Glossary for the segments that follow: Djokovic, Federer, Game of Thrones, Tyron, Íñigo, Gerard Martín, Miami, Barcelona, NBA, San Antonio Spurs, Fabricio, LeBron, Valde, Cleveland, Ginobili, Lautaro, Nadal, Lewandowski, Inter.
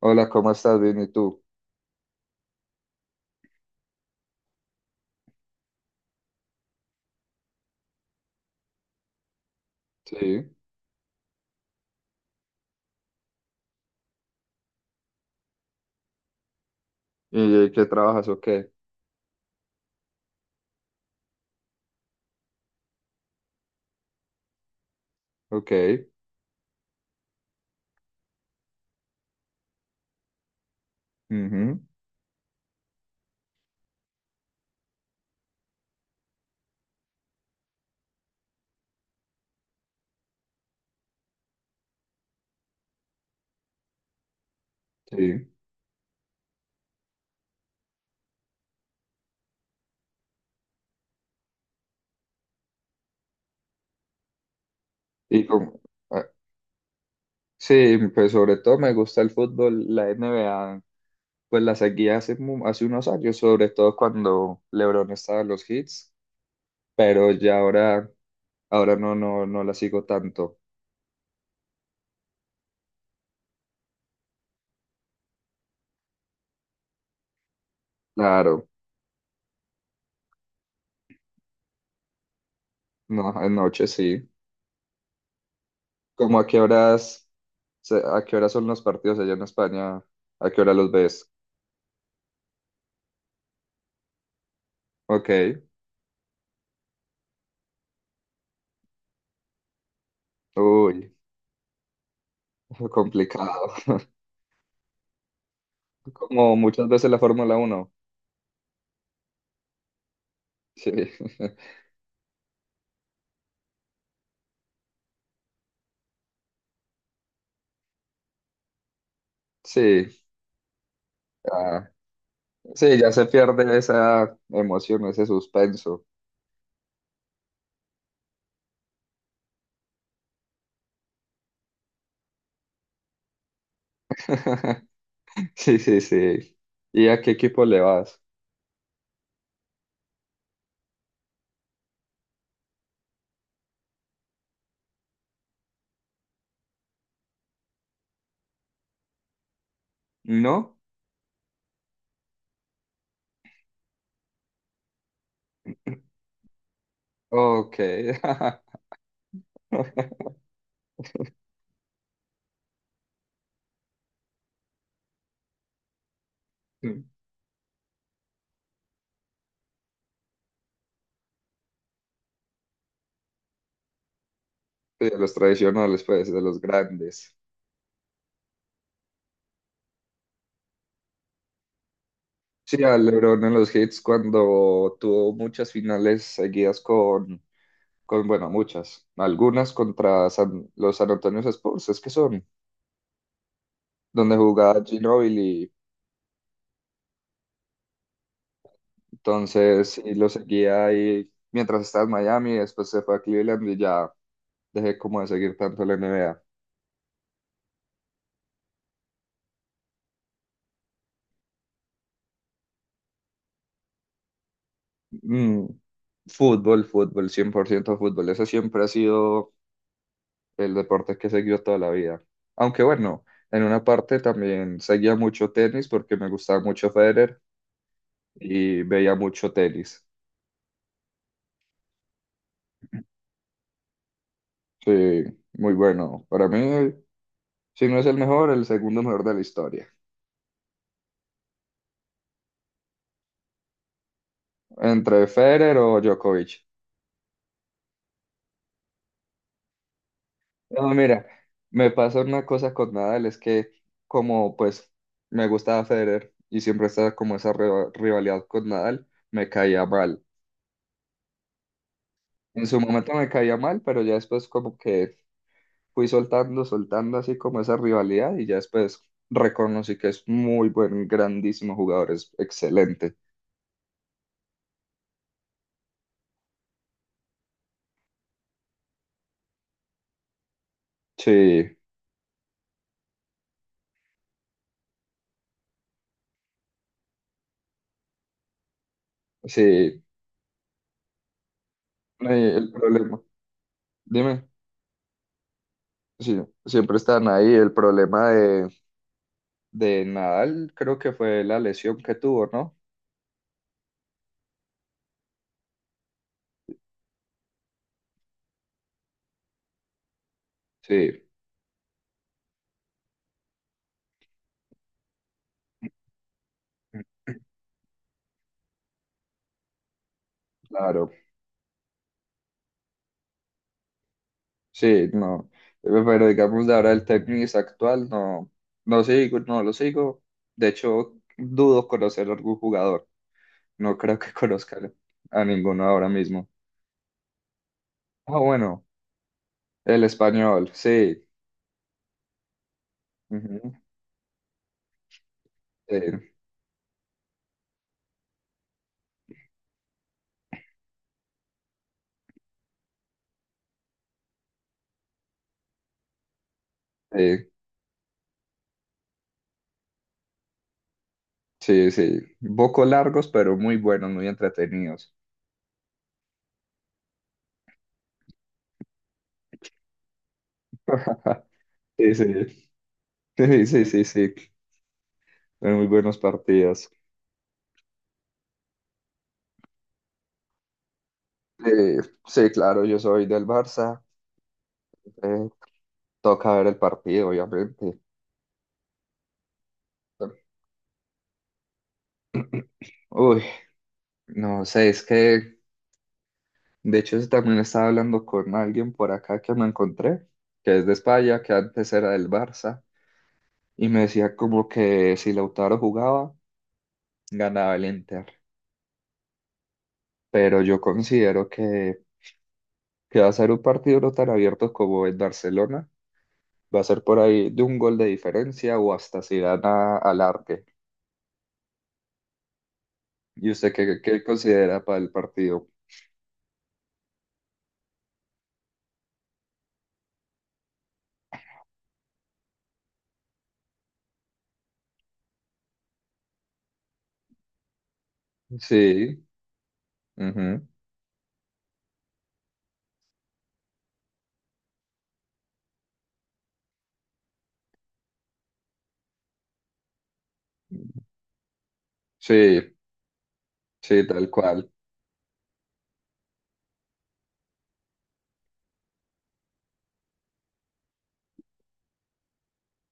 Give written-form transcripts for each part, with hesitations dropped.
Hola, ¿cómo estás? Bien, ¿y tú? Sí. ¿Y qué trabajas o qué? Ok. Ujú. Sí. Y como, ah, sí, pues sobre todo me gusta el fútbol, la NBA, pues la seguía hace unos años, sobre todo cuando LeBron estaba en los hits, pero ahora no la sigo tanto. Claro, no, anoche sí. ¿Cómo a qué a qué horas son los partidos allá en España? ¿A qué hora los ves? Ok. Uy, complicado. Como muchas veces la Fórmula uno. Sí, sí, ah, sí, ya se pierde esa emoción, ese suspenso. Sí, sí, sí. ¿Y a qué equipo le vas? ¿No? Ok. Sí, de los tradicionales, pues, de los grandes. Sí, a LeBron en los hits cuando tuvo muchas finales seguidas con bueno, muchas, algunas contra los San Antonio Spurs, es que son, donde jugaba Ginobili. Entonces, sí, lo seguía ahí mientras estaba en Miami, después se fue a Cleveland y ya dejé como de seguir tanto la NBA. Mm, Fútbol, fútbol, 100% fútbol. Ese siempre ha sido el deporte que he seguido toda la vida. Aunque bueno, en una parte también seguía mucho tenis porque me gustaba mucho Federer y veía mucho tenis. Sí, muy bueno. Para mí, si no es el mejor, el segundo mejor de la historia. Entre Federer o Djokovic. No, mira, me pasó una cosa con Nadal, es que como pues me gustaba Federer y siempre estaba como esa rivalidad con Nadal, me caía mal. En su momento me caía mal, pero ya después como que fui soltando, soltando así como esa rivalidad y ya después reconocí que es muy buen, grandísimo jugador, es excelente. Sí, sí, el problema, dime, sí, siempre están ahí, el problema de Nadal creo que fue la lesión que tuvo, ¿no? Sí, claro. Sí, no. Pero digamos de ahora el tenis actual, no, no sigo, no lo sigo. De hecho, dudo conocer a algún jugador. No creo que conozca a ninguno ahora mismo. Ah, bueno, el español, sí. Ujú. Sí, sí, sí, sí. Un poco largos, pero muy buenos, muy entretenidos. Sí, sí, sí, sí, sí, sí. Muy buenos partidos. Eh, sí, claro, yo soy del Barça. Eh, Toca ver el partido, obviamente. Uy, no sé, es que de hecho eso también estaba hablando con alguien por acá que me encontré, que es de España, que antes era del Barça, y me decía como que si Lautaro jugaba, ganaba el Inter. Pero yo considero que va a ser un partido no tan abierto como en Barcelona. Va a ser por ahí de un gol de diferencia o hasta si gana al arte. ¿Y usted qué, qué considera para el partido? Sí, ujú, sí, sí, tal cual.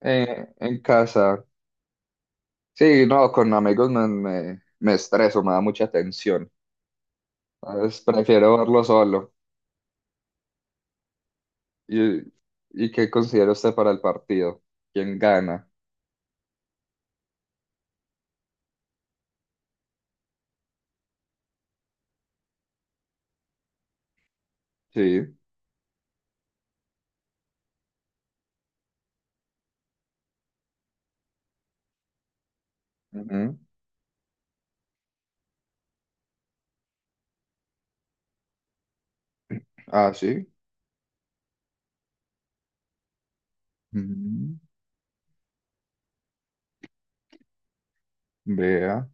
En casa. Sí, no, con amigos me estreso, me da mucha tensión. Entonces, prefiero verlo solo. ¿Y, y qué considera usted para el partido? ¿Quién gana? Sí. Ujú. Ah, sí. Ujú. Vea.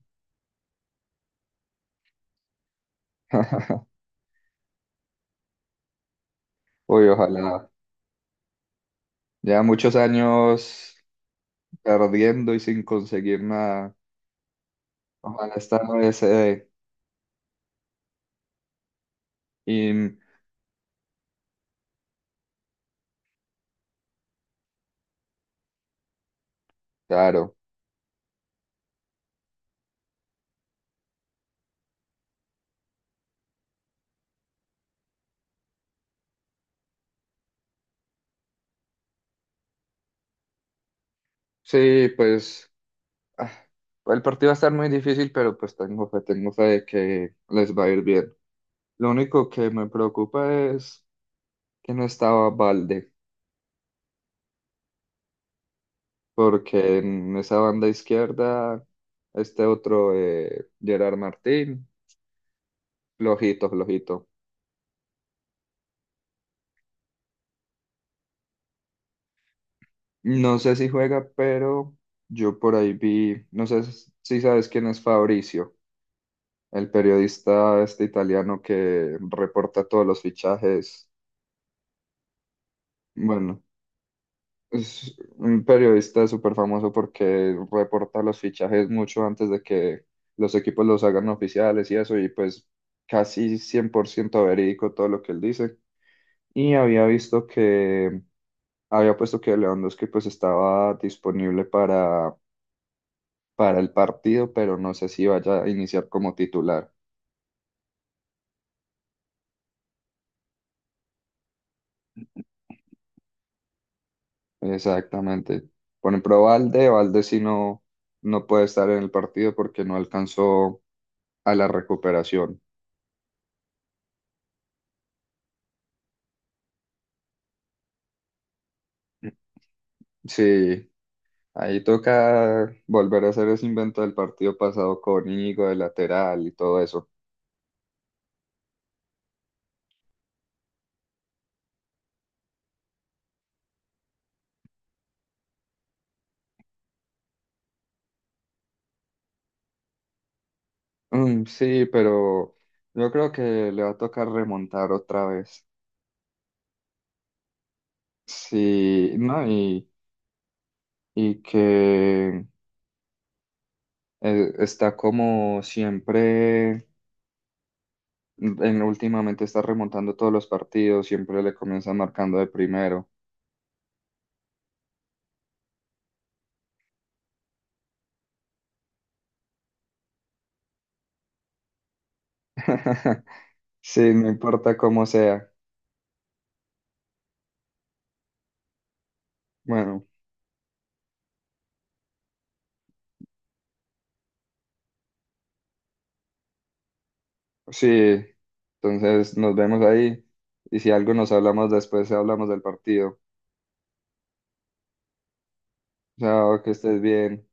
Uy, ojalá. Ya muchos años perdiendo y sin conseguir nada. Ojalá esta vez se dé. Y claro. Sí, pues, ah, el partido va a estar muy difícil, pero pues tengo fe de que les va a ir bien. Lo único que me preocupa es que no estaba Valde, porque en esa banda izquierda, este otro, Gerard Martín, flojito, flojito. No sé si juega, pero yo por ahí vi, no sé si sabes quién es Fabricio, el periodista este italiano que reporta todos los fichajes. Bueno, es un periodista súper famoso porque reporta los fichajes mucho antes de que los equipos los hagan oficiales y eso, y pues casi 100% verídico todo lo que él dice. Y había había puesto que Lewandowski pues estaba disponible para el partido, pero no sé si vaya a iniciar como titular. Exactamente. Por ejemplo, Valde sí no, no puede estar en el partido porque no alcanzó a la recuperación. Sí, ahí toca volver a hacer ese invento del partido pasado con Íñigo de lateral y todo eso. Mm, sí, pero yo creo que le va a tocar remontar otra vez. Sí, no, y que está como siempre, en, últimamente está remontando todos los partidos, siempre le comienza marcando de primero. Sí, no importa cómo sea. Bueno. Sí, entonces nos vemos ahí y si algo nos hablamos después, hablamos del partido. Chao, que estés bien.